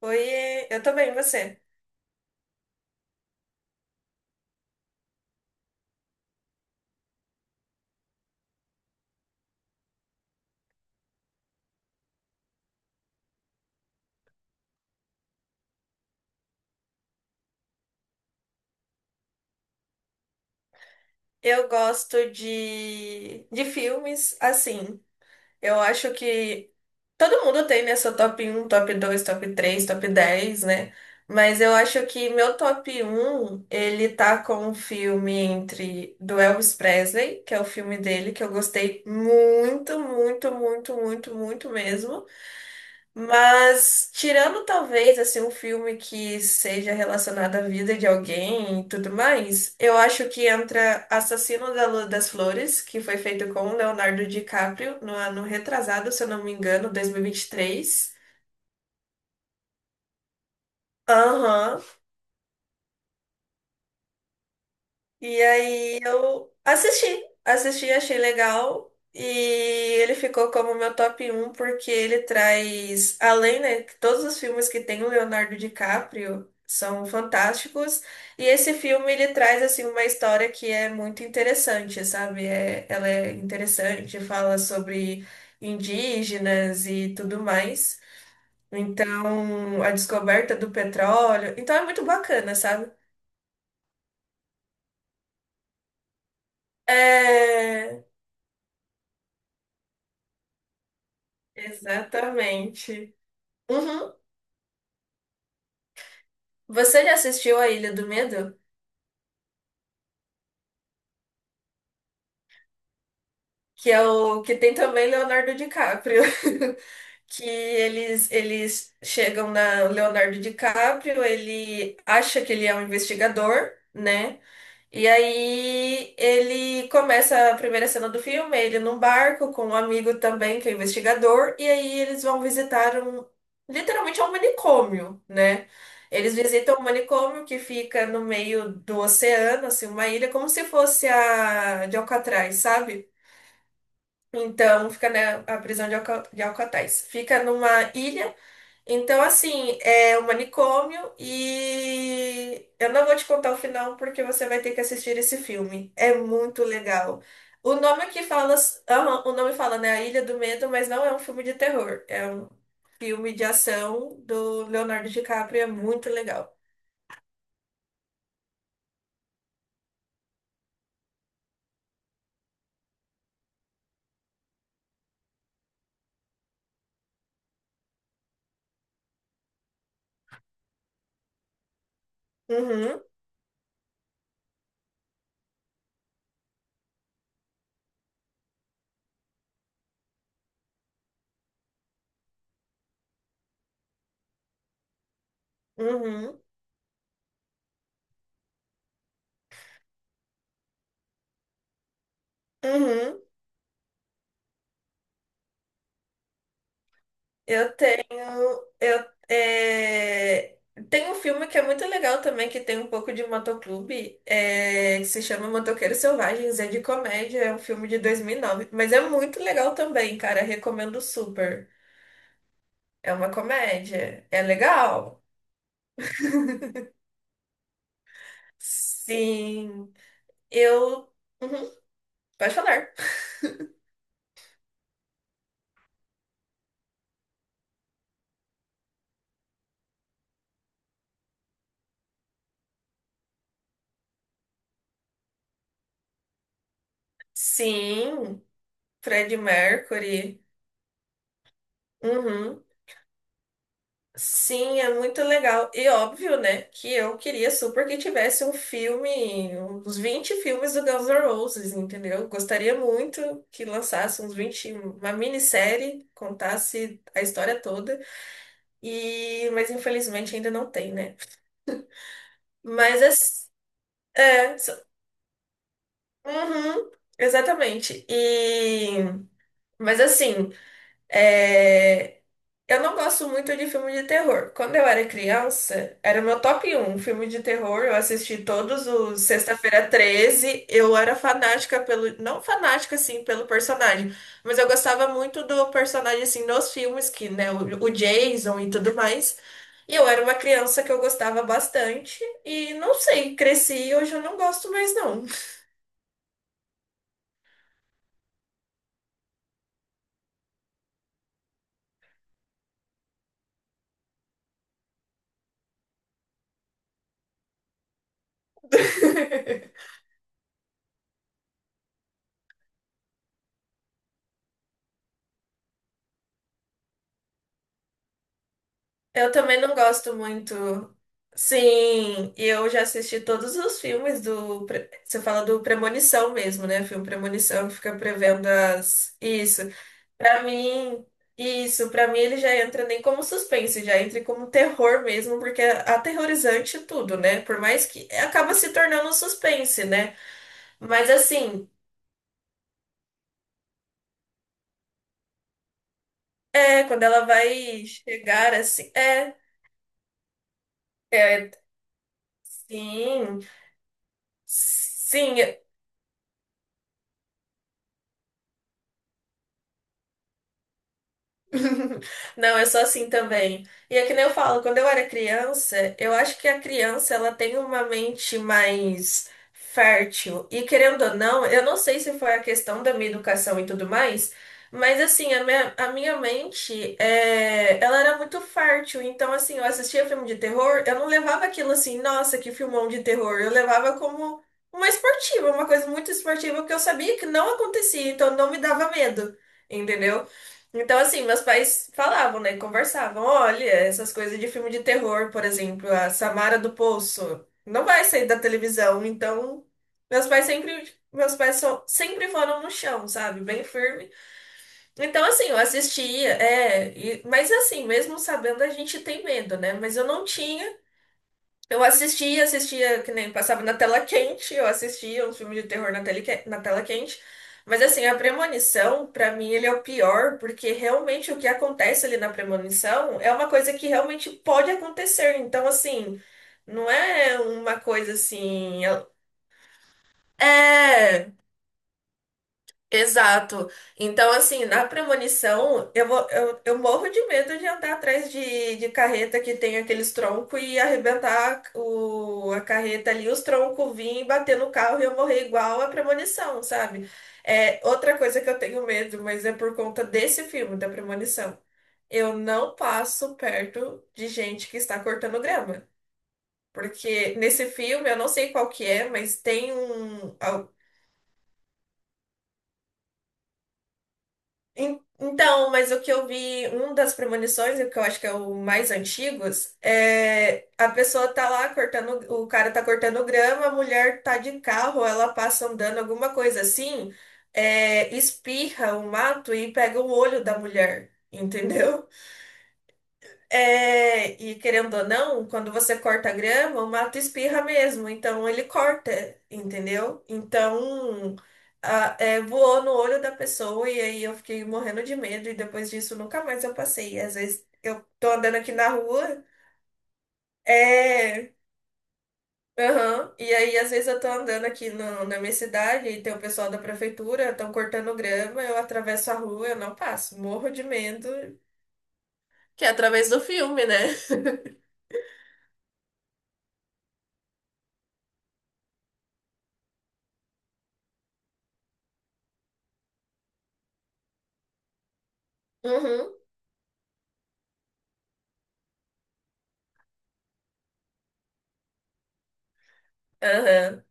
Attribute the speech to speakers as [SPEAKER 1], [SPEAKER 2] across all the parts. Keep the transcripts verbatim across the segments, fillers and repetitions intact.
[SPEAKER 1] Oi, eu tô bem, você? Eu gosto de, de filmes assim. Eu acho que todo mundo tem, né, seu top um top dois top três top dez né? Mas eu acho que meu top um ele tá com um filme entre do Elvis Presley, que é o filme dele que eu gostei muito, muito, muito, muito, muito mesmo. Mas tirando talvez assim um filme que seja relacionado à vida de alguém e tudo mais, eu acho que entra Assassino da Lua das Flores, que foi feito com o Leonardo DiCaprio no ano retrasado, se eu não me engano, dois mil e vinte e três. Aham, e aí eu assisti, assisti, achei legal. E ele ficou como meu top um porque ele traz, além, né, que todos os filmes que tem o Leonardo DiCaprio são fantásticos. E esse filme ele traz assim uma história que é muito interessante, sabe? É, ela é interessante, fala sobre indígenas e tudo mais. Então, a descoberta do petróleo. Então é muito bacana, sabe? É, exatamente. Uhum. Você já assistiu A Ilha do Medo? Que é o que tem também Leonardo DiCaprio. Que eles, eles chegam na Leonardo DiCaprio, ele acha que ele é um investigador, né? E aí ele começa a primeira cena do filme, ele num barco com um amigo também que é investigador, e aí eles vão visitar um, literalmente é um manicômio, né? Eles visitam um manicômio que fica no meio do oceano, assim, uma ilha, como se fosse a de Alcatraz, sabe? Então fica, né, a prisão de Alca- de Alcatraz. Fica numa ilha então, assim, é o manicômio e eu não vou te contar o final porque você vai ter que assistir esse filme. É muito legal. O nome que fala, aham, o nome fala, né, A Ilha do Medo, mas não é um filme de terror. É um filme de ação do Leonardo DiCaprio, é muito legal. Uhum, uhum, uhum. Eu tenho. Eu, é, tem um filme que é muito legal também, que tem um pouco de motoclube, é, que se chama Motoqueiros Selvagens, é de comédia, é um filme de dois mil e nove mas é muito legal também, cara, recomendo super. É uma comédia, é legal. Sim, eu. Uhum, pode falar. Sim, Freddie Mercury. Uhum. Sim, é muito legal. E óbvio, né, que eu queria super que tivesse um filme, uns vinte filmes do Guns N' Roses, entendeu? Gostaria muito que lançasse uns vinte uma minissérie, contasse a história toda. E, mas infelizmente ainda não tem, né? Mas é, é, so- uhum, exatamente. E, mas assim, é, eu não gosto muito de filme de terror. Quando eu era criança, era o meu top um filme de terror. Eu assisti todos os Sexta-feira treze. Eu era fanática pelo. Não fanática, assim, pelo personagem. Mas eu gostava muito do personagem, assim, nos filmes, que, né, o, o Jason e tudo mais. E eu era uma criança que eu gostava bastante. E não sei, cresci e hoje eu não gosto mais, não. Eu também não gosto muito. Sim, e eu já assisti todos os filmes do. Pre- Você fala do Premonição mesmo, né? Filme Premonição que fica prevendo as. Isso. Pra mim, isso. Pra mim, ele já entra nem como suspense, já entra como terror mesmo, porque é aterrorizante tudo, né? Por mais que acaba se tornando um suspense, né? Mas assim, é, quando ela vai chegar assim. É, é, sim. Sim, não, eu sou assim também. E é que nem eu falo, quando eu era criança, eu acho que a criança ela tem uma mente mais fértil. E querendo ou não, eu não sei se foi a questão da minha educação e tudo mais, mas assim, a minha, a minha mente, é, ela era muito fértil. Então, assim, eu assistia filme de terror, eu não levava aquilo assim, nossa, que filmão de terror. Eu levava como uma esportiva, uma coisa muito esportiva, que eu sabia que não acontecia, então não me dava medo. Entendeu? Então, assim, meus pais falavam, né? Conversavam. Olha, essas coisas de filme de terror, por exemplo, a Samara do Poço não vai sair da televisão. Então, meus pais sempre, meus pais só, sempre foram no chão, sabe? Bem firme. Então, assim, eu assistia, é, e- mas assim, mesmo sabendo, a gente tem medo, né? Mas eu não tinha. Eu assistia, assistia, que nem passava na tela quente, eu assistia um filme de terror na tele, que- na tela quente. Mas assim, a premonição, pra mim, ele é o pior, porque realmente o que acontece ali na premonição é uma coisa que realmente pode acontecer. Então, assim, não é uma coisa assim. É. Exato. Então, assim, na premonição, eu, vou- eu, eu morro de medo de andar atrás de, de carreta que tem aqueles troncos e arrebentar o, a carreta ali, os troncos vir e bater no carro e eu morrer igual a premonição, sabe? É outra coisa que eu tenho medo, mas é por conta desse filme, da premonição. Eu não passo perto de gente que está cortando grama. Porque nesse filme, eu não sei qual que é, mas tem um. En- então, mas o que eu vi, um das premonições, e o que eu acho que é o mais antigos, é a pessoa tá lá cortando, o cara tá cortando grama, a mulher tá de carro, ela passa andando, alguma coisa assim, é, espirra o mato e pega o olho da mulher, entendeu? É, e querendo ou não, quando você corta a grama, o mato espirra mesmo, então ele corta, entendeu? Então, a- é, voou no olho da pessoa e aí eu fiquei morrendo de medo e depois disso nunca mais eu passei. Às vezes eu tô andando aqui na rua, é, aham, e aí às vezes eu tô andando aqui no- na minha cidade e tem o pessoal da prefeitura, estão cortando grama, eu atravesso a rua, eu não passo, morro de medo. Que é através do filme, né? Uhum. Aham.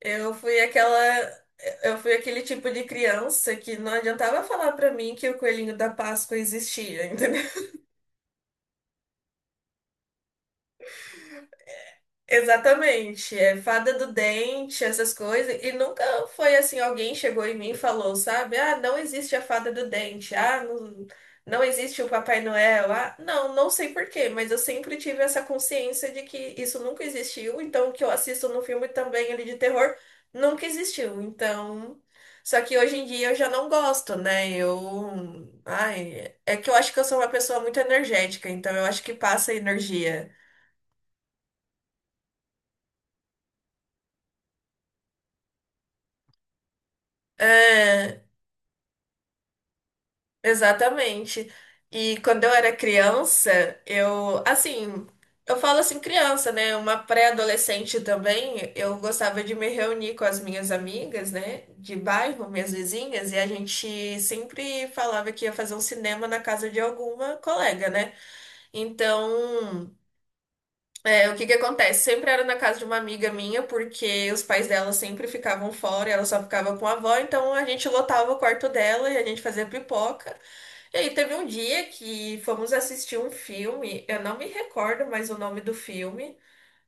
[SPEAKER 1] Eu fui aquela. Eu fui aquele tipo de criança que não adiantava falar pra mim que o coelhinho da Páscoa existia. Exatamente, é fada do dente, essas coisas, e nunca foi assim, alguém chegou em mim e falou, sabe? Ah, não existe a fada do dente, ah, não, não existe o Papai Noel, ah, não, não sei por quê, mas eu sempre tive essa consciência de que isso nunca existiu, então o que eu assisto no filme também ali de terror nunca existiu, então... Só que hoje em dia eu já não gosto, né? Eu... Ai, é que eu acho que eu sou uma pessoa muito energética, então eu acho que passa energia. É, exatamente. E quando eu era criança, eu, assim, eu falo assim criança, né? Uma pré-adolescente também, eu gostava de me reunir com as minhas amigas, né? De bairro, minhas vizinhas, e a gente sempre falava que ia fazer um cinema na casa de alguma colega, né? Então, é, o que que acontece? Sempre era na casa de uma amiga minha, porque os pais dela sempre ficavam fora, e ela só ficava com a avó, então a gente lotava o quarto dela e a gente fazia pipoca. E aí, teve um dia que fomos assistir um filme, eu não me recordo mais o nome do filme,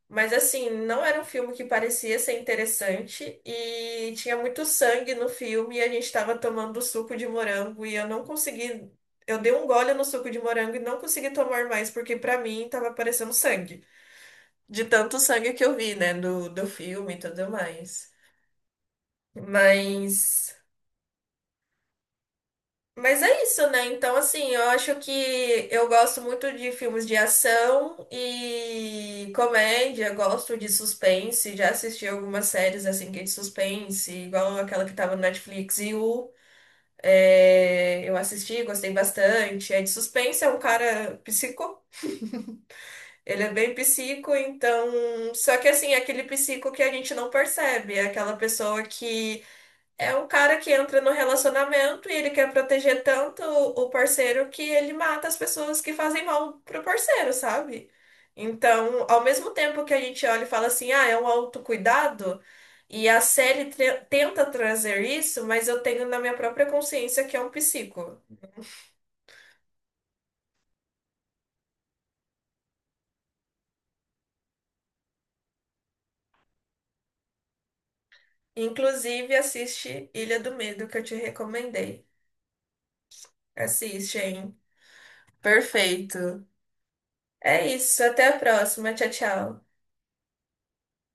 [SPEAKER 1] mas assim, não era um filme que parecia ser interessante e tinha muito sangue no filme e a gente estava tomando suco de morango e eu não consegui, eu dei um gole no suco de morango e não consegui tomar mais porque pra mim tava parecendo sangue, de tanto sangue que eu vi, né, do, do filme e tudo mais. Mas Mas é isso, né? Então, assim, eu acho que eu gosto muito de filmes de ação e comédia, gosto de suspense, já assisti algumas séries assim que é de suspense, igual aquela que tava no Netflix e o é, eu assisti, gostei bastante. É de suspense, é um cara psico, ele é bem psico, então. Só que assim, é aquele psico que a gente não percebe, é aquela pessoa que. É um cara que entra no relacionamento e ele quer proteger tanto o o parceiro que ele mata as pessoas que fazem mal pro parceiro, sabe? Então, ao mesmo tempo que a gente olha e fala assim, ah, é um autocuidado, e a série tre- tenta trazer isso, mas eu tenho na minha própria consciência que é um psico. Inclusive, assiste Ilha do Medo, que eu te recomendei. Assiste, hein? Perfeito. É isso, até a próxima. Tchau, tchau.